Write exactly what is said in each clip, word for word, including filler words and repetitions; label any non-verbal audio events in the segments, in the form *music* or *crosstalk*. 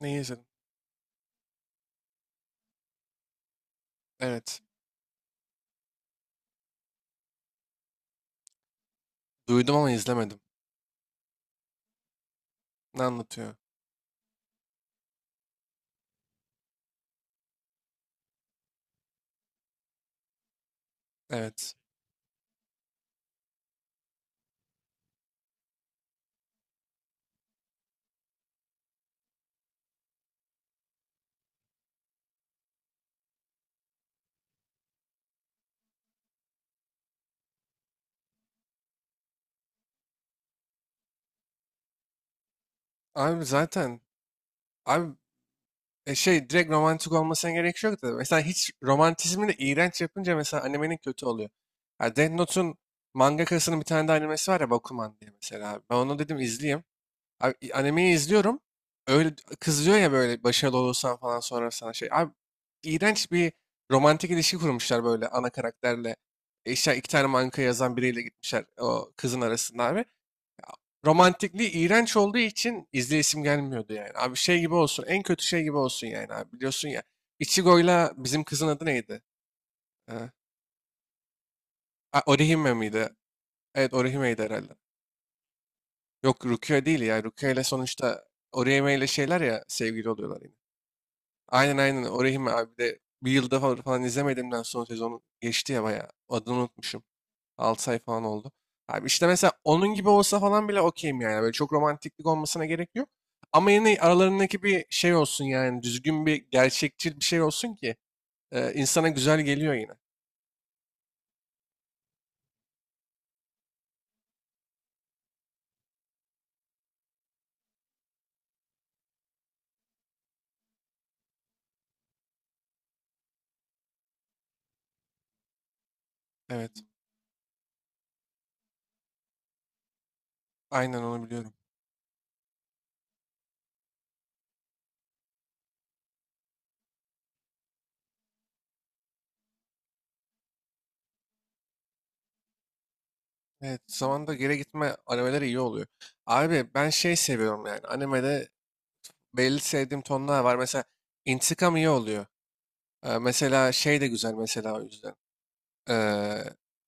Neyi izledim? Evet. Duydum ama izlemedim. Ne anlatıyor? Evet. Abi zaten abi e, şey direkt romantik olmasına gerek yok da mesela hiç romantizmi de iğrenç yapınca mesela animenin kötü oluyor. Ya Death Note'un mangakasının bir tane de animesi var ya Bakuman diye mesela abi. Ben onu dedim izleyeyim. Abi i- animeyi izliyorum. Öyle kızıyor ya böyle başarılı olursan falan sonra sana şey. Abi iğrenç bir romantik ilişki kurmuşlar böyle ana karakterle. E, işte iki tane manga yazan biriyle gitmişler o kızın arasında abi. Romantikliği iğrenç olduğu için izleyesim gelmiyordu yani. Abi şey gibi olsun. En kötü şey gibi olsun yani abi. Biliyorsun ya. Ichigo'yla bizim kızın adı neydi? Ee, a, Orihime miydi? Evet, Orihime'ydi herhalde. Yok, Rukia değil ya. Rukia ile sonuçta Orihime ile şeyler ya, sevgili oluyorlar yine. Aynen aynen, Orihime abi, de bir yılda falan, falan izlemediğimden son sezonu geçti ya bayağı. Adını unutmuşum. altı ay falan oldu. Abi işte mesela onun gibi olsa falan bile okeyim yani. Böyle çok romantiklik olmasına gerek yok. Ama yine aralarındaki bir şey olsun yani. Düzgün bir, gerçekçi bir şey olsun ki e, insana güzel geliyor yine. Evet. Aynen, onu biliyorum. Evet. Zamanda geri gitme animeleri iyi oluyor. Abi ben şey seviyorum yani. Animede belli sevdiğim tonlar var. Mesela intikam iyi oluyor. Ee, mesela şey de güzel mesela, o yüzden. Ee,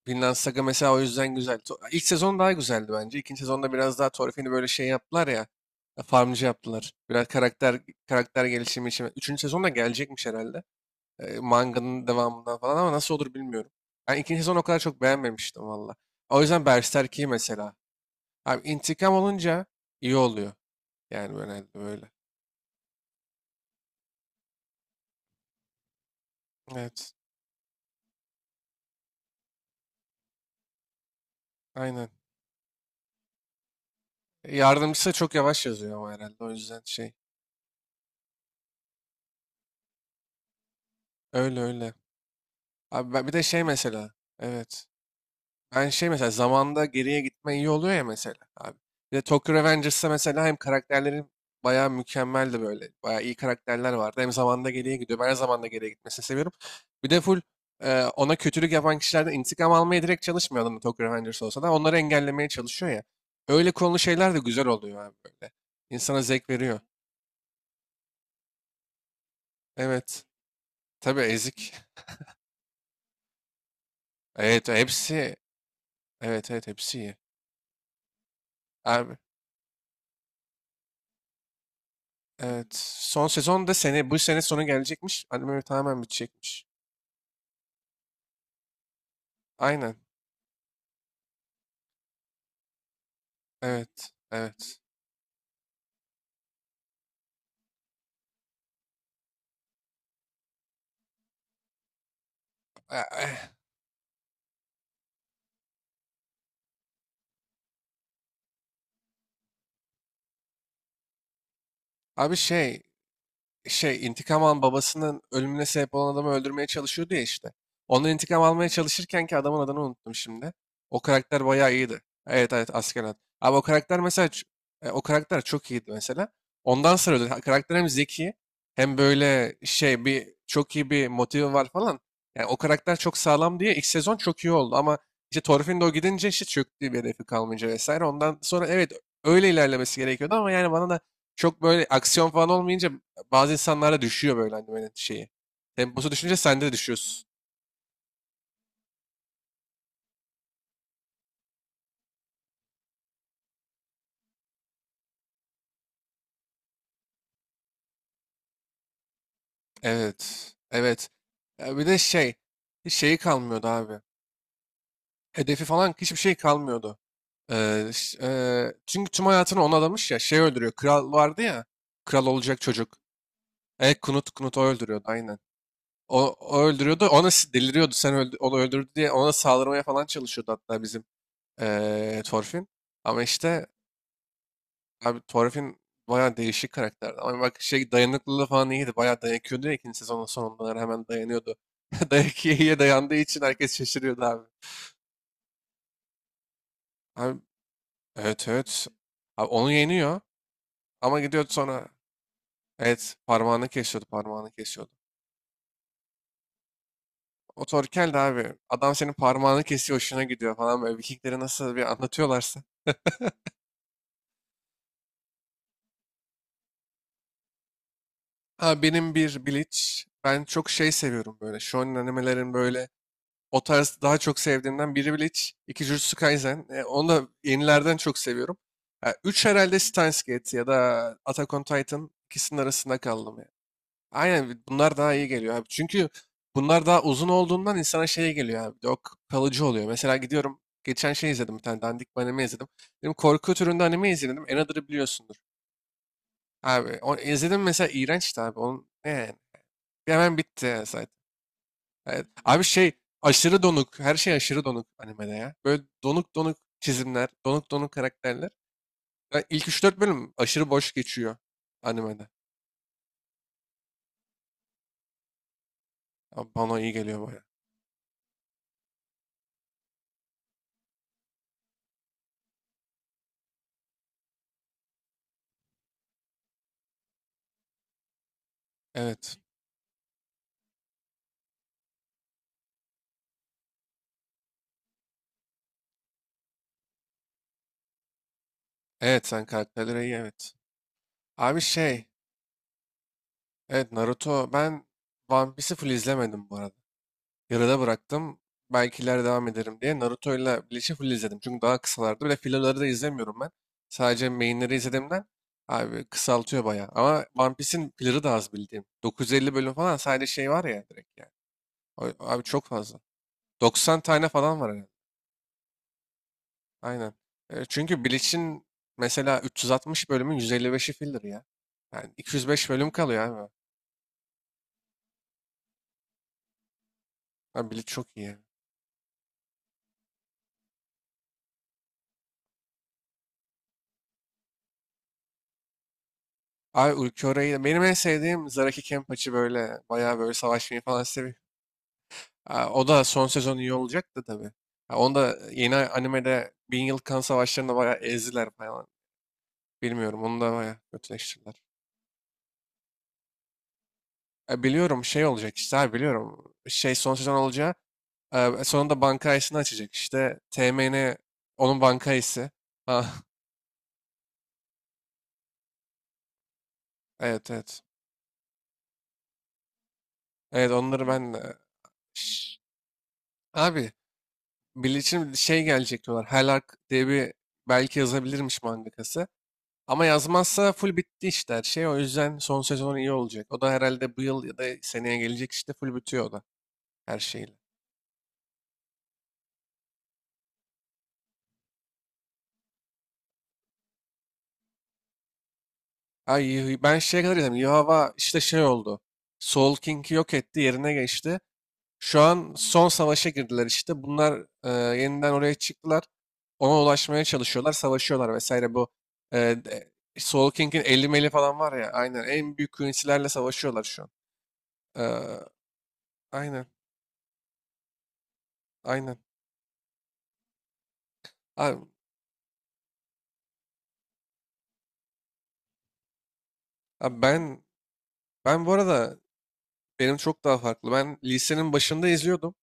Vinland Saga mesela o yüzden güzel. To- İlk sezon daha güzeldi bence. İkinci sezonda biraz daha Thorfinn'i böyle şey yaptılar ya. e, Farmcı yaptılar. Biraz karakter karakter gelişimi için. Üçüncü sezon da gelecekmiş herhalde. Ee, manganın devamından falan, ama nasıl olur bilmiyorum. Ben ikinci sezonu o kadar çok beğenmemiştim valla. O yüzden Berserk iyi mesela. Abi intikam olunca iyi oluyor. Yani böyle böyle. Evet. Aynen. Yardımcısı da çok yavaş yazıyor ama herhalde, o yüzden şey. Öyle öyle. Abi ben, bir de şey mesela. Evet. Ben şey mesela, zamanda geriye gitme iyi oluyor ya mesela abi. Bir de Tokyo Revengers'ta mesela hem karakterlerin bayağı mükemmeldi böyle. Bayağı iyi karakterler vardı. Hem zamanda geriye gidiyor. Ben her zamanda geriye gitmesini seviyorum. Bir de full e, ona kötülük yapan kişilerden intikam almaya direkt çalışmıyor adam, Tokyo Revengers olsa da. Onları engellemeye çalışıyor ya. Öyle konulu şeyler de güzel oluyor abi böyle. İnsana zevk veriyor. Evet. Tabii, ezik. Evet hepsi, evet evet hepsi iyi. Abi evet, son sezon da sene, bu sene sonu gelecekmiş. Anime tamamen bitecekmiş. Aynen. Evet. Evet. Eh, eh. Abi şey şey intikam alan, babasının ölümüne sebep olan adamı öldürmeye çalışıyordu ya işte. Ondan intikam almaya çalışırken ki, adamın adını unuttum şimdi. O karakter bayağı iyiydi. Evet evet, asker Askelat. Abi o karakter mesela ç- e, o karakter çok iyiydi mesela. Ondan sonra öldü. Ha, karakter hem zeki hem böyle şey, bir çok iyi bir motivi var falan. Yani o karakter çok sağlam diye ilk sezon çok iyi oldu, ama işte Thorfinn gidince işte çöktü, bir hedefi kalmayınca vesaire. Ondan sonra evet, öyle ilerlemesi gerekiyordu ama yani bana da çok, böyle aksiyon falan olmayınca bazı insanlarda düşüyor böyle hani böyle şeyi. Temposu düşünce sen de düşüyorsun. Evet. Evet. Ya bir de şey. Hiç şeyi kalmıyordu abi. Hedefi falan hiçbir şey kalmıyordu. Ee, ş- ee, çünkü tüm hayatını ona adamış ya. Şey öldürüyor. Kral vardı ya. Kral olacak çocuk. E Knut, Knut o öldürüyordu aynen. O, o öldürüyordu. Ona s- deliriyordu. Sen öldü, onu öldürdü diye ona saldırmaya falan çalışıyordu hatta bizim ee, Thorfinn. Ama işte, abi Thorfinn bayağı değişik karakterdi. Ama bak şey, dayanıklılığı falan iyiydi. Bayağı dayanıyordu ya ikinci sezonun sonunda, hani hemen dayanıyordu. *laughs* Dayak iyiye dayandığı için herkes şaşırıyordu abi. Abi evet evet. Abi onu yeniyor ama gidiyordu sonra, evet parmağını kesiyordu, parmağını kesiyordu. O Torkel de abi, adam senin parmağını kesiyor hoşuna gidiyor falan böyle, Vikingleri nasıl bir anlatıyorlarsa. Ha benim bir Bleach, ben çok şey seviyorum böyle shonen animelerin böyle. O tarz daha çok sevdiğimden, biri Bleach, iki Jujutsu Kaisen. E, onu da yenilerden çok seviyorum. E, üç herhalde Steins Gate ya da Attack on Titan, ikisinin arasında kaldım ya. Aynen, bunlar daha iyi geliyor abi. Çünkü bunlar daha uzun olduğundan insana şey geliyor abi. Yok, kalıcı oluyor. Mesela gidiyorum geçen şey izledim, bir tane dandik bir anime izledim. Dedim korku türünde anime izledim. Another'ı biliyorsundur. Abi o, izledim mesela, iğrençti abi. Onun ne yani? Hemen bitti ya zaten. Evet. Abi şey, aşırı donuk. Her şey aşırı donuk animede ya. Böyle donuk donuk çizimler, donuk donuk karakterler. Ya, İlk üç dört bölüm aşırı boş geçiyor animede. Ama bana iyi geliyor baya. Evet. Evet, sen karakterlere iyi, evet. Abi şey. Evet Naruto, ben One Piece'i full izlemedim bu arada. Yarıda bıraktım. Belki ileride devam ederim diye. Naruto'yla Bleach'i full izledim. Çünkü daha kısalardı. Bir de filler'ları da izlemiyorum ben. Sadece main'leri izlediğimden abi kısaltıyor bayağı. Ama One Piece'in filler'ı da az bildiğim. dokuz yüz elli bölüm falan sadece şey var ya direkt yani. O- Abi çok fazla. doksan tane falan var herhalde. Aynen. E, çünkü Bleach'in mesela üç yüz altmış bölümün yüz elli beşi filler ya. Yani iki yüz beş bölüm kalıyor abi. Abi Bleach çok iyi. Abi Ulquiora'yı, benim en sevdiğim Zaraki Kenpachi, böyle bayağı böyle savaşmayı falan seviyor. Ha, o da son sezon iyi olacak da tabii. Ha, onu da yeni animede Bin Yıl Kan Savaşları'nda bayağı ezdiler falan. Bilmiyorum, onu da bayağı kötüleştirdiler. E, biliyorum şey olacak işte abi, biliyorum. Şey son sezon olacağı, e, sonunda bankayısını açacak işte. T M N onun bankayısı. Ha, *laughs* evet evet. Evet, onları ben de... Şş, abi Bleach'in şey gelecek diyorlar. Hell Arc diye bir, belki yazabilirmiş mangakası. Ama yazmazsa full bitti işte her şey. O yüzden son sezon iyi olacak. O da herhalde bu yıl ya da seneye gelecek işte, full bitiyor o da her şeyle. Ay, Yuh- ben şeye kadar izledim. Yuhava işte şey oldu. Soul King'i yok etti, yerine geçti. Şu an son savaşa girdiler işte. Bunlar e, yeniden oraya çıktılar. Ona ulaşmaya çalışıyorlar. Savaşıyorlar vesaire bu. E, de- Soul King'in elli meli falan var ya. Aynen, en büyük künsilerle savaşıyorlar şu an. E, aynen aynen. Abi, abi ben... Ben bu arada, benim çok daha farklı. Ben lisenin başında izliyordum.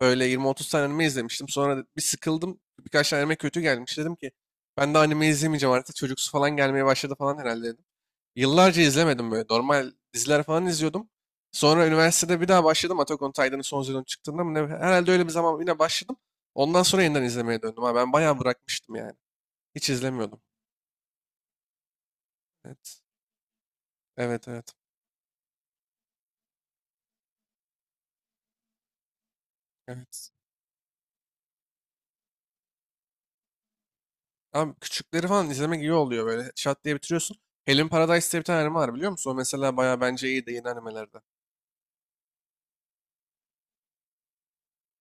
Böyle yirmi otuz tane anime izlemiştim. Sonra bir sıkıldım. Birkaç tane anime kötü gelmiş. Dedim ki ben de anime izlemeyeceğim artık. Çocuksu falan gelmeye başladı falan herhalde dedim. Yıllarca izlemedim böyle. Normal diziler falan izliyordum. Sonra üniversitede bir daha başladım. Attack on Titan'ın son sezonu çıktığında mı ne? Herhalde öyle bir zaman yine başladım. Ondan sonra yeniden izlemeye döndüm. Ha, ben bayağı bırakmıştım yani. Hiç izlemiyordum. Evet. Evet evet. Evet. Abi küçükleri falan izlemek iyi oluyor böyle. Şat diye bitiriyorsun. Helen Paradise diye bir tane anime var, biliyor musun? O mesela bayağı bence iyi de yeni animelerde.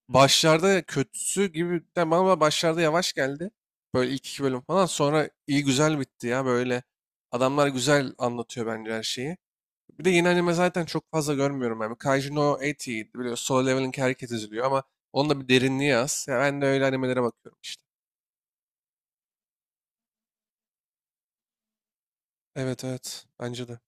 Başlarda kötüsü gibi de, bana başlarda yavaş geldi. Böyle ilk iki bölüm falan, sonra iyi güzel bitti ya böyle. Adamlar güzel anlatıyor bence her şeyi. Bir de yeni anime zaten çok fazla görmüyorum yani. Kaiju no seksen iyiydi. Biliyorsun. Solo Level'in herkes izliyor ama onun da bir derinliği az. Ya ben de öyle animelere bakıyorum işte. Evet evet bence de.